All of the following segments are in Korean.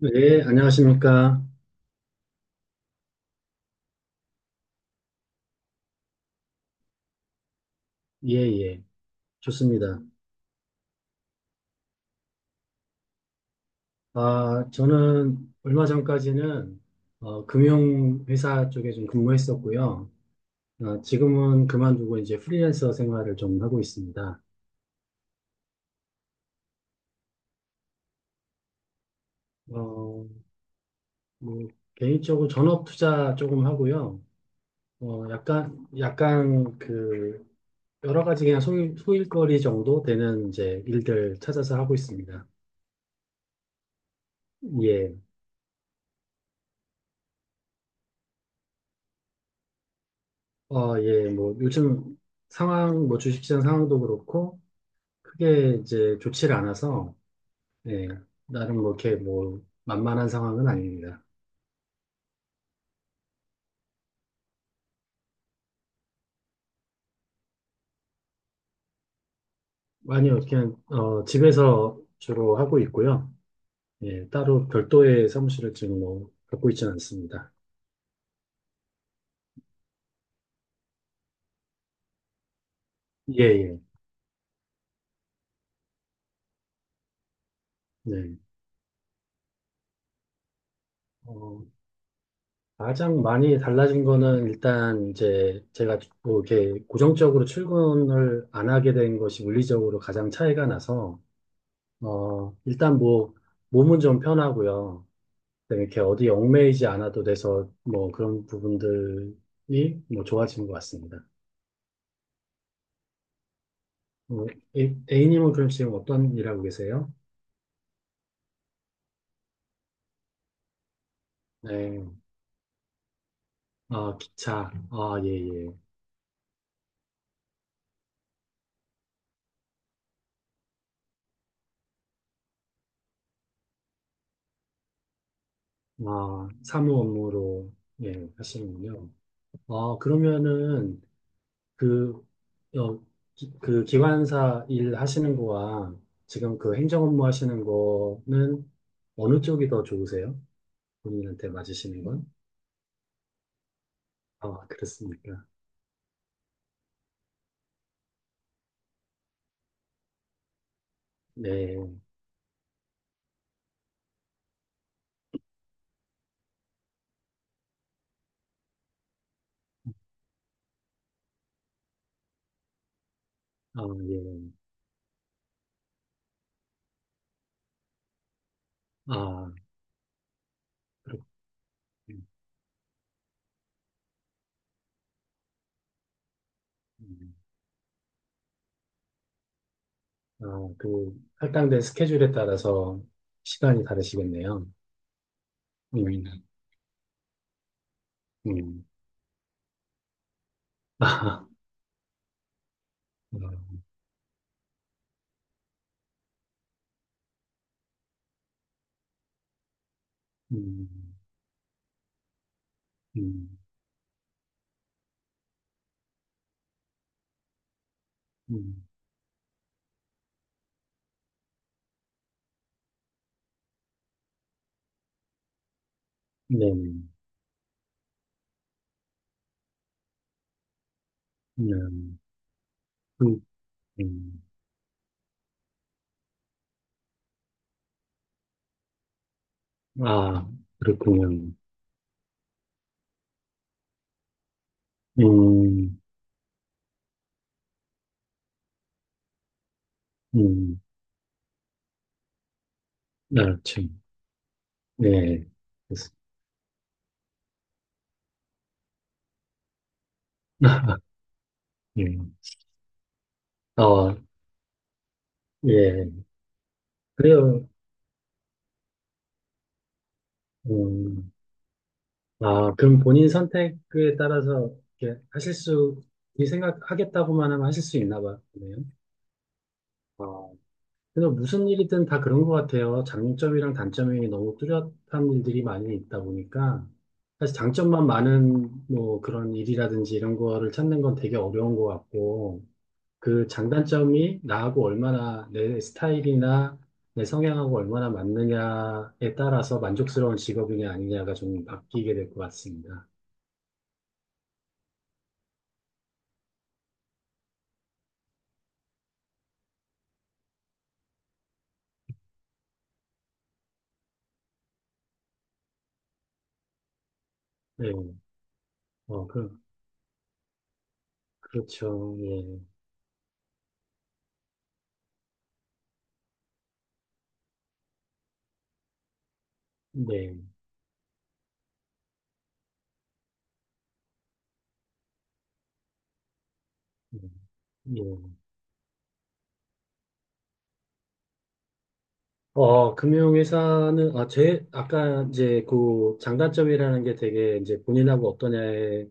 네, 안녕하십니까. 예, 예. 좋습니다. 아, 저는 얼마 전까지는 금융회사 쪽에 좀 근무했었고요. 아, 지금은 그만두고 이제 프리랜서 생활을 좀 하고 있습니다. 어, 뭐, 개인적으로 전업 투자 조금 하고요. 약간 그, 여러 가지 그냥 소일거리 정도 되는 이제 일들 찾아서 하고 있습니다. 예. 예. 뭐, 요즘 상황, 뭐, 주식시장 상황도 그렇고, 크게 이제 좋지를 않아서, 예, 나름 뭐 이렇게 뭐 만만한 상황은 아닙니다. 아니요, 그냥, 집에서 주로 하고 있고요. 예, 따로 별도의 사무실을 지금 뭐 갖고 있지는 않습니다. 예, 예, 네. 어, 가장 많이 달라진 거는 일단 이제 제가 뭐 이렇게 고정적으로 출근을 안 하게 된 것이 물리적으로 가장 차이가 나서, 일단 뭐 몸은 좀 편하고요. 네, 이렇게 어디 얽매이지 않아도 돼서 뭐 그런 부분들이 뭐 좋아지는 것 같습니다. 어, A님은 그럼 지금 어떤 일 하고 계세요? 네, 아, 기차, 아, 예, 예. 아, 사무 업무로, 예, 하시는군요. 아, 그러면은 그, 어, 그 기관사 일 하시는 거와 지금 그 행정 업무 하시는 거는 어느 쪽이 더 좋으세요? 본인한테 맞으시는 건? 아, 그렇습니까? 네. 아, 예. 아, 그렇군요. 음. 아, 그 할당된 스케줄에 따라서 시간이 다르시겠네요. 음, 음. 아, 음, 음, 음. 음. 네, 음, 음. 아, 그렇군요. 음, 음, 아, 참, 네. 그래서- 예. 어, 예. 그래요. 음. 아, 그럼 본인 선택에 따라서 이렇게 하실 수, 이 생각하겠다고만 하면 하실 수 있나 보네요. 아, 그래서 무슨 일이든 다 그런 것 같아요. 장점이랑 단점이 너무 뚜렷한 일들이 많이 있다 보니까 사실 장점만 많은 뭐 그런 일이라든지 이런 거를 찾는 건 되게 어려운 것 같고 그 장단점이 나하고 얼마나 내 스타일이나 내 성향하고 얼마나 맞느냐에 따라서 만족스러운 직업이냐 아니냐가 좀 바뀌게 될 것 같습니다. 네. 어, 그, 그렇죠. 예. 네. 음, 예. 금융회사는, 아, 아까 이제 그 장단점이라는 게 되게 이제 본인하고 어떠냐에,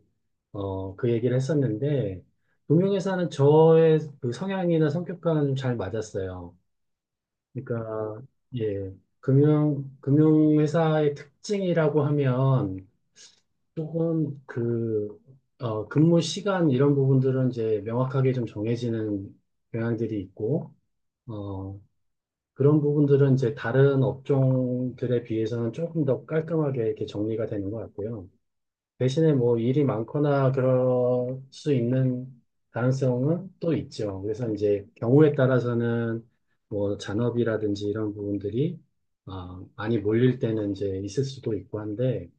그 얘기를 했었는데, 금융회사는 저의 그 성향이나 성격과는 잘 맞았어요. 그러니까, 예. 금융회사의 특징이라고 하면, 조금 그, 근무 시간 이런 부분들은 이제 명확하게 좀 정해지는 경향들이 있고, 어, 그런 부분들은 이제 다른 업종들에 비해서는 조금 더 깔끔하게 이렇게 정리가 되는 것 같고요. 대신에 뭐 일이 많거나 그럴 수 있는 가능성은 또 있죠. 그래서 이제 경우에 따라서는 뭐 잔업이라든지 이런 부분들이 많이 몰릴 때는 이제 있을 수도 있고 한데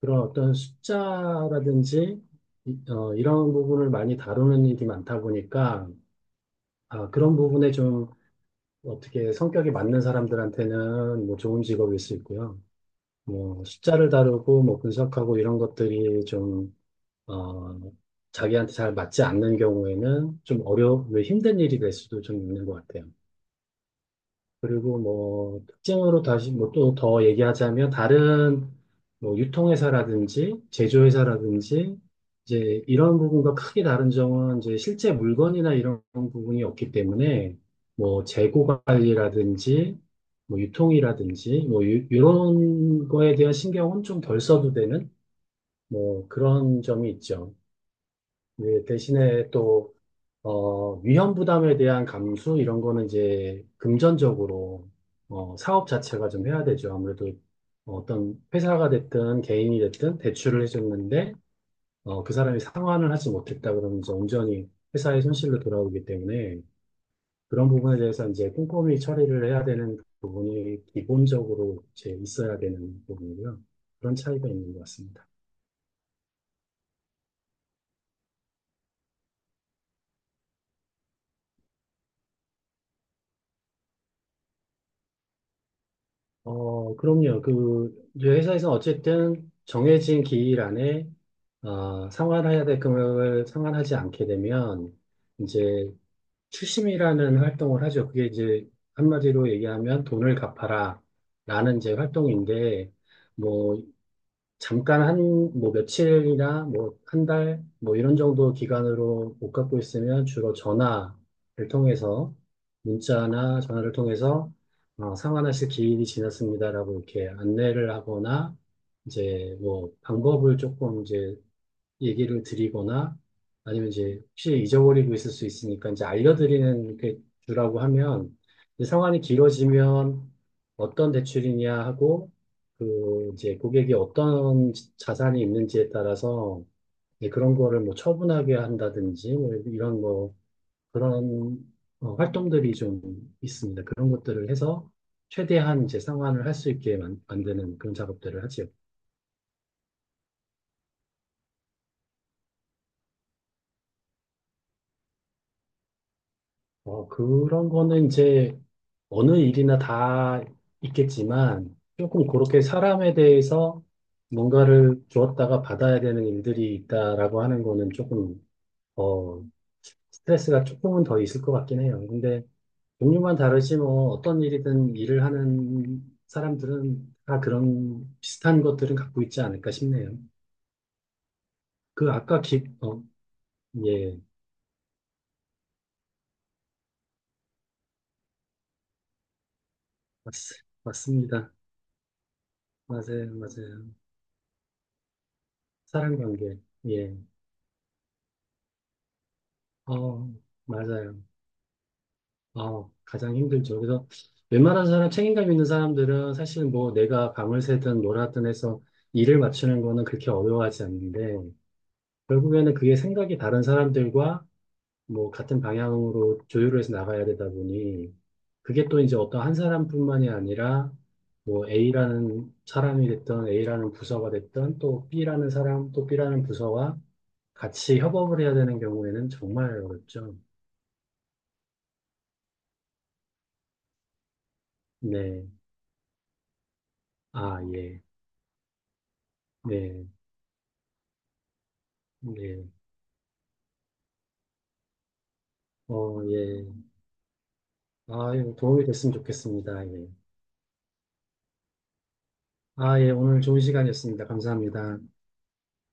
그런 어떤 숫자라든지 이런 부분을 많이 다루는 일이 많다 보니까 아, 그런 부분에 좀 어떻게 성격이 맞는 사람들한테는 뭐 좋은 직업일 수 있고요. 뭐 숫자를 다루고 뭐 분석하고 이런 것들이 좀, 어, 자기한테 잘 맞지 않는 경우에는 좀 왜 힘든 일이 될 수도 좀 있는 것 같아요. 그리고 뭐 특징으로 다시 뭐 또 더 얘기하자면 다른 뭐 유통회사라든지 제조회사라든지 이제 이런 부분과 크게 다른 점은 이제 실제 물건이나 이런 부분이 없기 때문에 뭐 재고 관리라든지 뭐 유통이라든지 이런 거에 대한 신경은 좀 덜 써도 되는 뭐 그런 점이 있죠. 근데 대신에 또 위험 부담에 대한 감수 이런 거는 이제 금전적으로 사업 자체가 좀 해야 되죠. 아무래도 어떤 회사가 됐든 개인이 됐든 대출을 해줬는데 그 사람이 상환을 하지 못했다 그러면 이제 온전히 회사의 손실로 돌아오기 때문에 그런 부분에 대해서 이제 꼼꼼히 처리를 해야 되는 부분이 기본적으로 이제 있어야 되는 부분이고요. 그런 차이가 있는 것 같습니다. 그럼요. 그, 이제 회사에서는 어쨌든 정해진 기일 안에, 상환해야 될 금액을 상환하지 않게 되면, 이제 추심이라는 활동을 하죠. 그게 이제 한마디로 얘기하면 돈을 갚아라. 라는 이제 활동인데, 뭐, 잠깐 한, 뭐, 며칠이나, 뭐, 한 달, 뭐, 이런 정도 기간으로 못 갖고 있으면 주로 전화를 통해서, 문자나 전화를 통해서, 상환 하실 기일이 지났습니다라고 이렇게 안내를 하거나, 이제 뭐, 방법을 조금 이제 얘기를 드리거나 아니면 이제 혹시 잊어버리고 있을 수 있으니까 이제 알려드리는 게 주라고 하면 이제 상환이 길어지면 어떤 대출이냐 하고 그 이제 고객이 어떤 자산이 있는지에 따라서 이제 그런 거를 뭐 처분하게 한다든지 뭐 이런 거 그런 활동들이 좀 있습니다. 그런 것들을 해서 최대한 이제 상환을 할 수 있게 만드는 그런 작업들을 하지요. 그런 거는 이제 어느 일이나 다 있겠지만 조금 그렇게 사람에 대해서 뭔가를 주었다가 받아야 되는 일들이 있다라고 하는 거는 조금, 어, 스트레스가 조금은 더 있을 것 같긴 해요. 근데 종류만 다르지 뭐 어떤 일이든 일을 하는 사람들은 다 그런 비슷한 것들은 갖고 있지 않을까 싶네요. 그 아까 예, 맞, 맞습니다. 맞아요, 맞아요. 사람 관계, 예. 어, 맞아요. 가장 힘들죠. 그래서 웬만한 사람, 책임감 있는 사람들은 사실 뭐 내가 밤을 새든 뭘 하든 해서 일을 맞추는 거는 그렇게 어려워하지 않는데, 결국에는 그게 생각이 다른 사람들과 뭐 같은 방향으로 조율을 해서 나가야 되다 보니, 그게 또 이제 어떤 한 사람뿐만이 아니라, 뭐 A라는 사람이 됐든 A라는 부서가 됐든 또 B라는 사람, 또 B라는 부서와 같이 협업을 해야 되는 경우에는 정말 어렵죠. 네. 아, 예. 네. 네. 예. 아, 도움이 됐으면 좋겠습니다. 예. 아, 예. 오늘 좋은 시간이었습니다. 감사합니다.